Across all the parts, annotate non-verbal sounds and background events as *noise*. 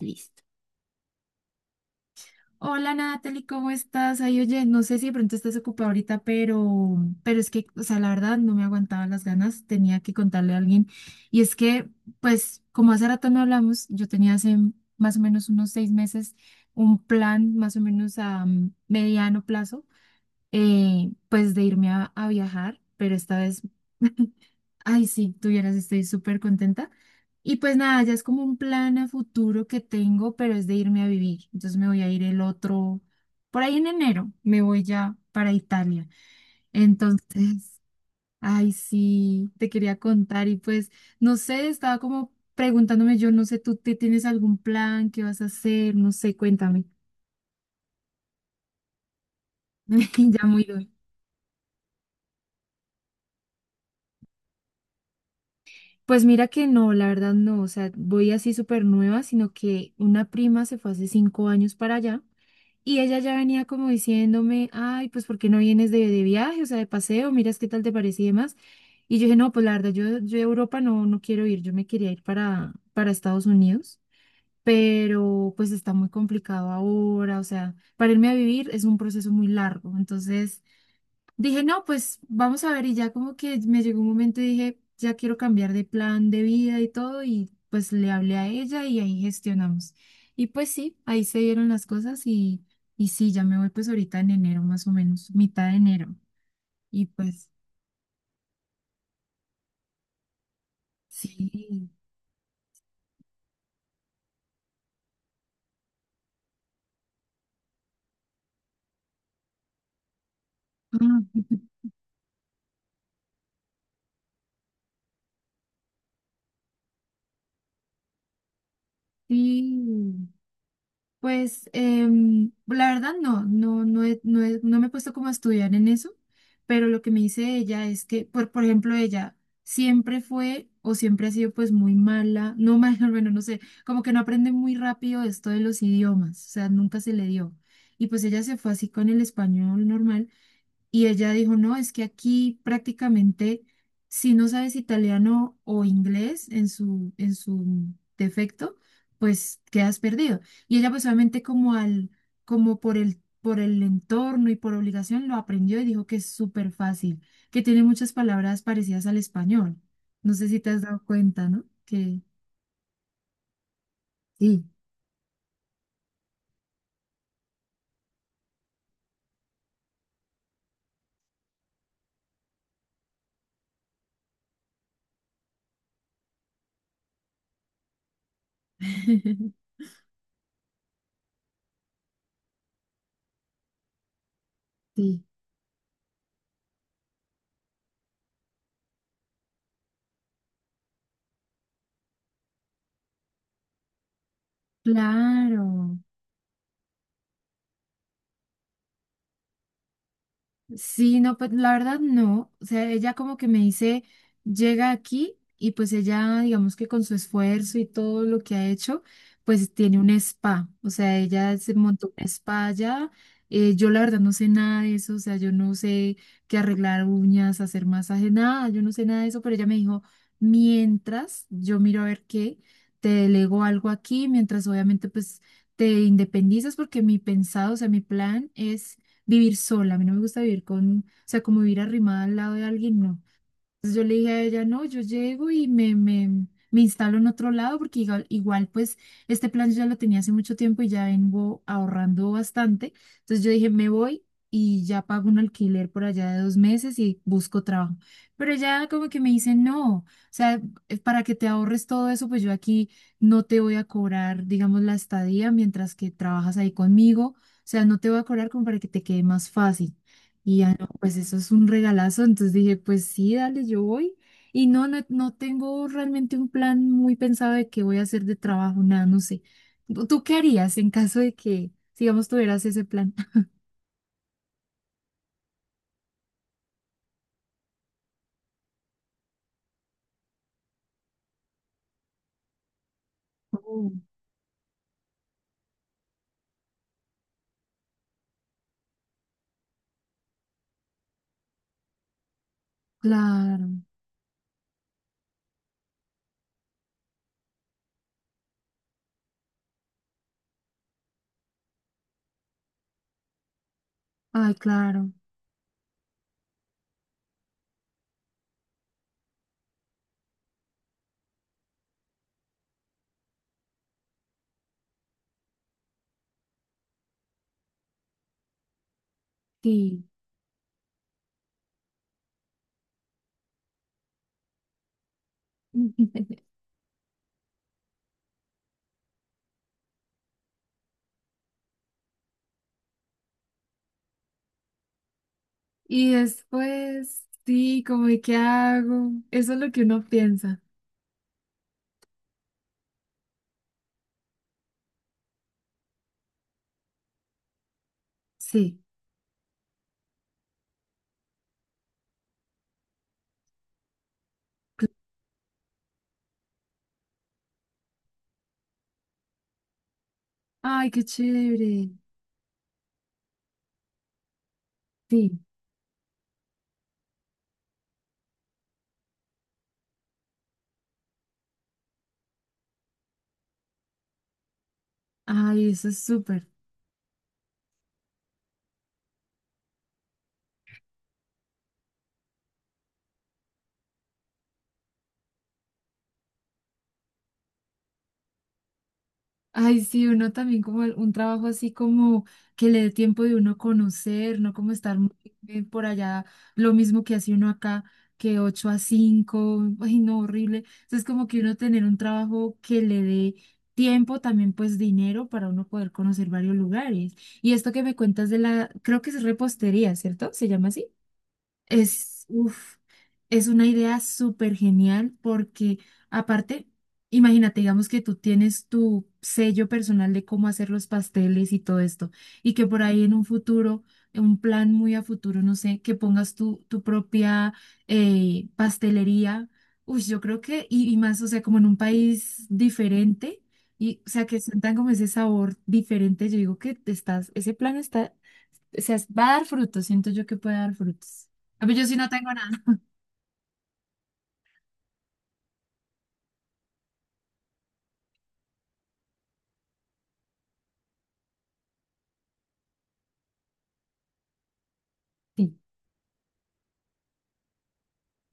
Listo. Hola Natalie, ¿cómo estás? Ay, oye, no sé si de pronto estás ocupada ahorita, pero es que, o sea, la verdad no me aguantaba las ganas, tenía que contarle a alguien. Y es que, pues, como hace rato no hablamos, yo tenía hace más o menos unos 6 meses un plan más o menos a mediano plazo, pues de irme a viajar, pero esta vez, *laughs* ay, sí, tuvieras, estoy súper contenta. Y pues nada, ya es como un plan a futuro que tengo, pero es de irme a vivir. Entonces me voy a ir el otro, por ahí en enero, me voy ya para Italia. Entonces, *laughs* ay, sí, te quería contar y pues, no sé, estaba como preguntándome, yo no sé, ¿tú te tienes algún plan? ¿Qué vas a hacer? No sé, cuéntame. *laughs* Ya muy. Pues mira que no, la verdad no, o sea, voy así súper nueva, sino que una prima se fue hace 5 años para allá y ella ya venía como diciéndome, ay, pues ¿por qué no vienes de viaje, o sea, de paseo, miras qué tal te parece y demás? Y yo dije, no, pues la verdad, yo a Europa no, no quiero ir, yo me quería ir para Estados Unidos, pero pues está muy complicado ahora, o sea, para irme a vivir es un proceso muy largo, entonces... Dije, no, pues vamos a ver y ya como que me llegó un momento y dije, ya quiero cambiar de plan de vida y todo y pues le hablé a ella y ahí gestionamos. Y pues sí, ahí se dieron las cosas y sí, ya me voy pues ahorita en enero más o menos, mitad de enero. Y pues sí. Ah, *laughs* sí. Pues la verdad no, no me he puesto como a estudiar en eso, pero lo que me dice ella es que, por ejemplo, ella siempre fue o siempre ha sido pues muy mala, no mala, *laughs* bueno, no sé, como que no aprende muy rápido esto de los idiomas, o sea, nunca se le dio. Y pues ella se fue así con el español normal y ella dijo, no, es que aquí prácticamente si no sabes italiano o inglés en su defecto, pues quedas perdido. Y ella pues obviamente como al, como por el entorno y por obligación lo aprendió y dijo que es súper fácil, que tiene muchas palabras parecidas al español. No sé si te has dado cuenta, ¿no? Que sí. *laughs* Sí. Claro. Sí, no, pues la verdad no. O sea, ella como que me dice, llega aquí y pues ella, digamos que con su esfuerzo y todo lo que ha hecho, pues tiene un spa. O sea, ella se montó un spa allá. Yo la verdad no sé nada de eso. O sea, yo no sé qué arreglar uñas, hacer masaje, nada. Yo no sé nada de eso, pero ella me dijo, mientras yo miro a ver qué, te delego algo aquí, mientras obviamente pues te independizas porque mi pensado, o sea, mi plan es vivir sola, a mí no me gusta vivir con, o sea, como vivir arrimada al lado de alguien, no. Entonces yo le dije a ella, no, yo llego y me instalo en otro lado porque igual, igual, pues este plan yo ya lo tenía hace mucho tiempo y ya vengo ahorrando bastante. Entonces yo dije, me voy y ya pago un alquiler por allá de 2 meses y busco trabajo. Pero ya como que me dice, no, o sea, para que te ahorres todo eso, pues yo aquí no te voy a cobrar, digamos, la estadía mientras que trabajas ahí conmigo. O sea, no te voy a cobrar como para que te quede más fácil. Y ya no, pues eso es un regalazo. Entonces dije, pues sí, dale, yo voy. Y no, no, no tengo realmente un plan muy pensado de qué voy a hacer de trabajo, nada, no sé. ¿Tú qué harías en caso de que, digamos, tuvieras ese plan? *laughs* Oh. Claro, ay, claro, sí. *laughs* Y después, sí, como de qué hago. Eso es lo que uno piensa. Sí. Ay, qué chévere. Sí. Ay, eso es súper. Ay, sí, uno también un trabajo así como que le dé tiempo de uno conocer, no como estar muy, por allá, lo mismo que hace uno acá, que 8 a 5, ay, no, horrible. Entonces como que uno tener un trabajo que le dé tiempo, también pues dinero para uno poder conocer varios lugares. Y esto que me cuentas de la, creo que es repostería, ¿cierto? ¿Se llama así? Es, uf, es una idea súper genial porque aparte, imagínate, digamos que tú tienes tu sello personal de cómo hacer los pasteles y todo esto, y que por ahí en un futuro, en un plan muy a futuro, no sé, que pongas tu, tu propia pastelería. Uy, yo creo que, y más, o sea, como en un país diferente, y o sea, que sientan como ese sabor diferente, yo digo que te estás, ese plan está, o sea, va a dar frutos, siento yo que puede dar frutos. Ah, pues yo sí no tengo nada. Sí.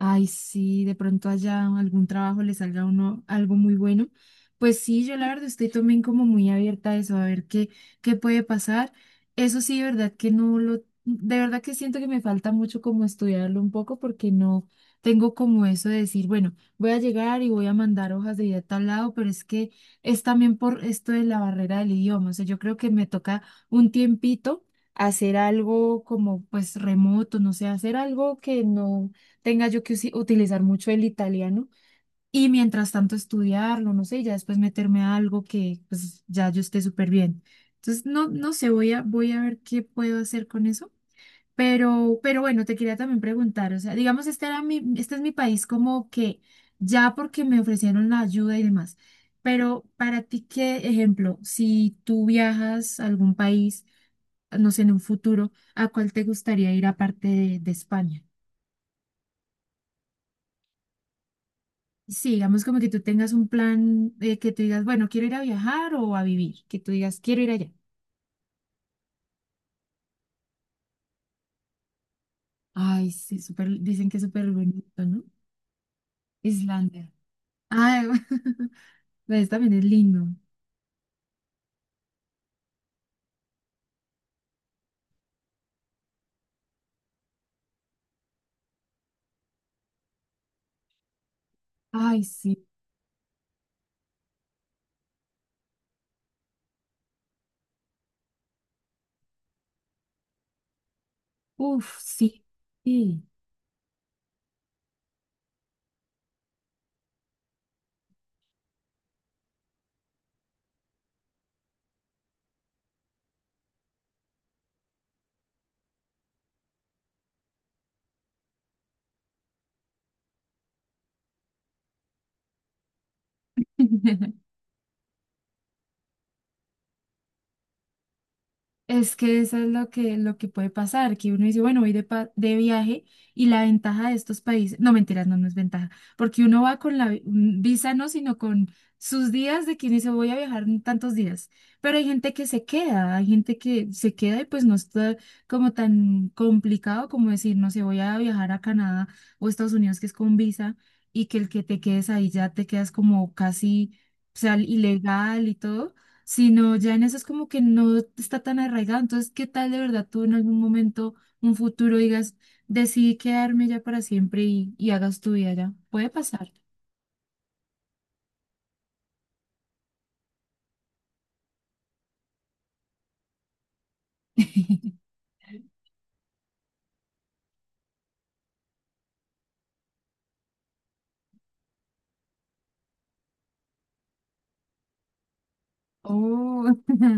Ay, sí, de pronto allá algún trabajo le salga a uno algo muy bueno. Pues sí, yo la verdad estoy también como muy abierta a eso, a ver qué puede pasar. Eso sí, de verdad que no lo, de verdad que siento que me falta mucho como estudiarlo un poco porque no tengo como eso de decir, bueno, voy a llegar y voy a mandar hojas de vida a tal lado, pero es que es también por esto de la barrera del idioma. O sea, yo creo que me toca un tiempito hacer algo como pues remoto, no sé, hacer algo que no tenga yo que utilizar mucho el italiano y mientras tanto estudiarlo, no sé, y ya después meterme a algo que pues ya yo esté súper bien. Entonces, no, no sé, voy a ver qué puedo hacer con eso. Pero bueno, te quería también preguntar, o sea, digamos, este es mi país como que ya porque me ofrecieron la ayuda y demás, pero para ti, ¿qué ejemplo? Si tú viajas a algún país, no sé, en un futuro, ¿a cuál te gustaría ir aparte de España? Sí, digamos como que tú tengas un plan, que tú digas, bueno, quiero ir a viajar o a vivir, que tú digas, quiero ir allá. Ay, sí, súper, dicen que es súper bonito, ¿no? Islandia. Ay, *laughs* pues también es lindo. Ay, sí. Uf, sí. Sí. *laughs* Es que eso es lo que puede pasar, que uno dice, bueno, voy de, de viaje y la ventaja de estos países, no mentiras, no, no es ventaja, porque uno va con la visa, no, sino con sus días de quien dice, voy a viajar en tantos días. Pero hay gente que se queda, hay gente que se queda y pues no está como tan complicado como decir, no sé, voy a viajar a Canadá o Estados Unidos, que es con visa, y que el que te quedes ahí ya te quedas como casi, o sea, ilegal y todo, sino ya en eso es como que no está tan arraigado. Entonces, ¿qué tal de verdad tú en algún momento, un futuro, digas, decidí quedarme ya para siempre y hagas tu vida ya? Puede pasar. *laughs* Oh. *laughs*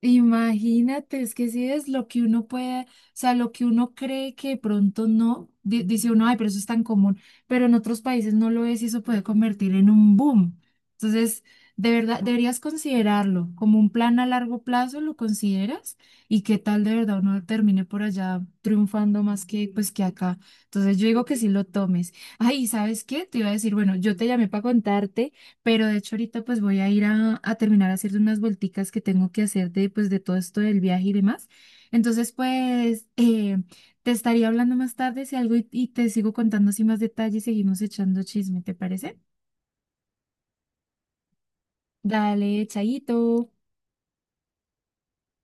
Imagínate, es que si es lo que uno puede, o sea, lo que uno cree que de pronto no, dice uno, ay, pero eso es tan común, pero en otros países no lo es y eso puede convertir en un boom. Entonces, de verdad, deberías considerarlo como un plan a largo plazo, ¿lo consideras? Y qué tal de verdad uno termine por allá triunfando más que pues que acá. Entonces, yo digo que sí lo tomes. Ay, ¿sabes qué? Te iba a decir, bueno, yo te llamé para contarte. Pero de hecho ahorita pues voy a, ir a terminar a hacer unas vuelticas que tengo que hacer de pues de todo esto del viaje y demás. Entonces pues te estaría hablando más tarde si algo y te sigo contando así más detalles y seguimos echando chisme, ¿te parece? Dale, chaito.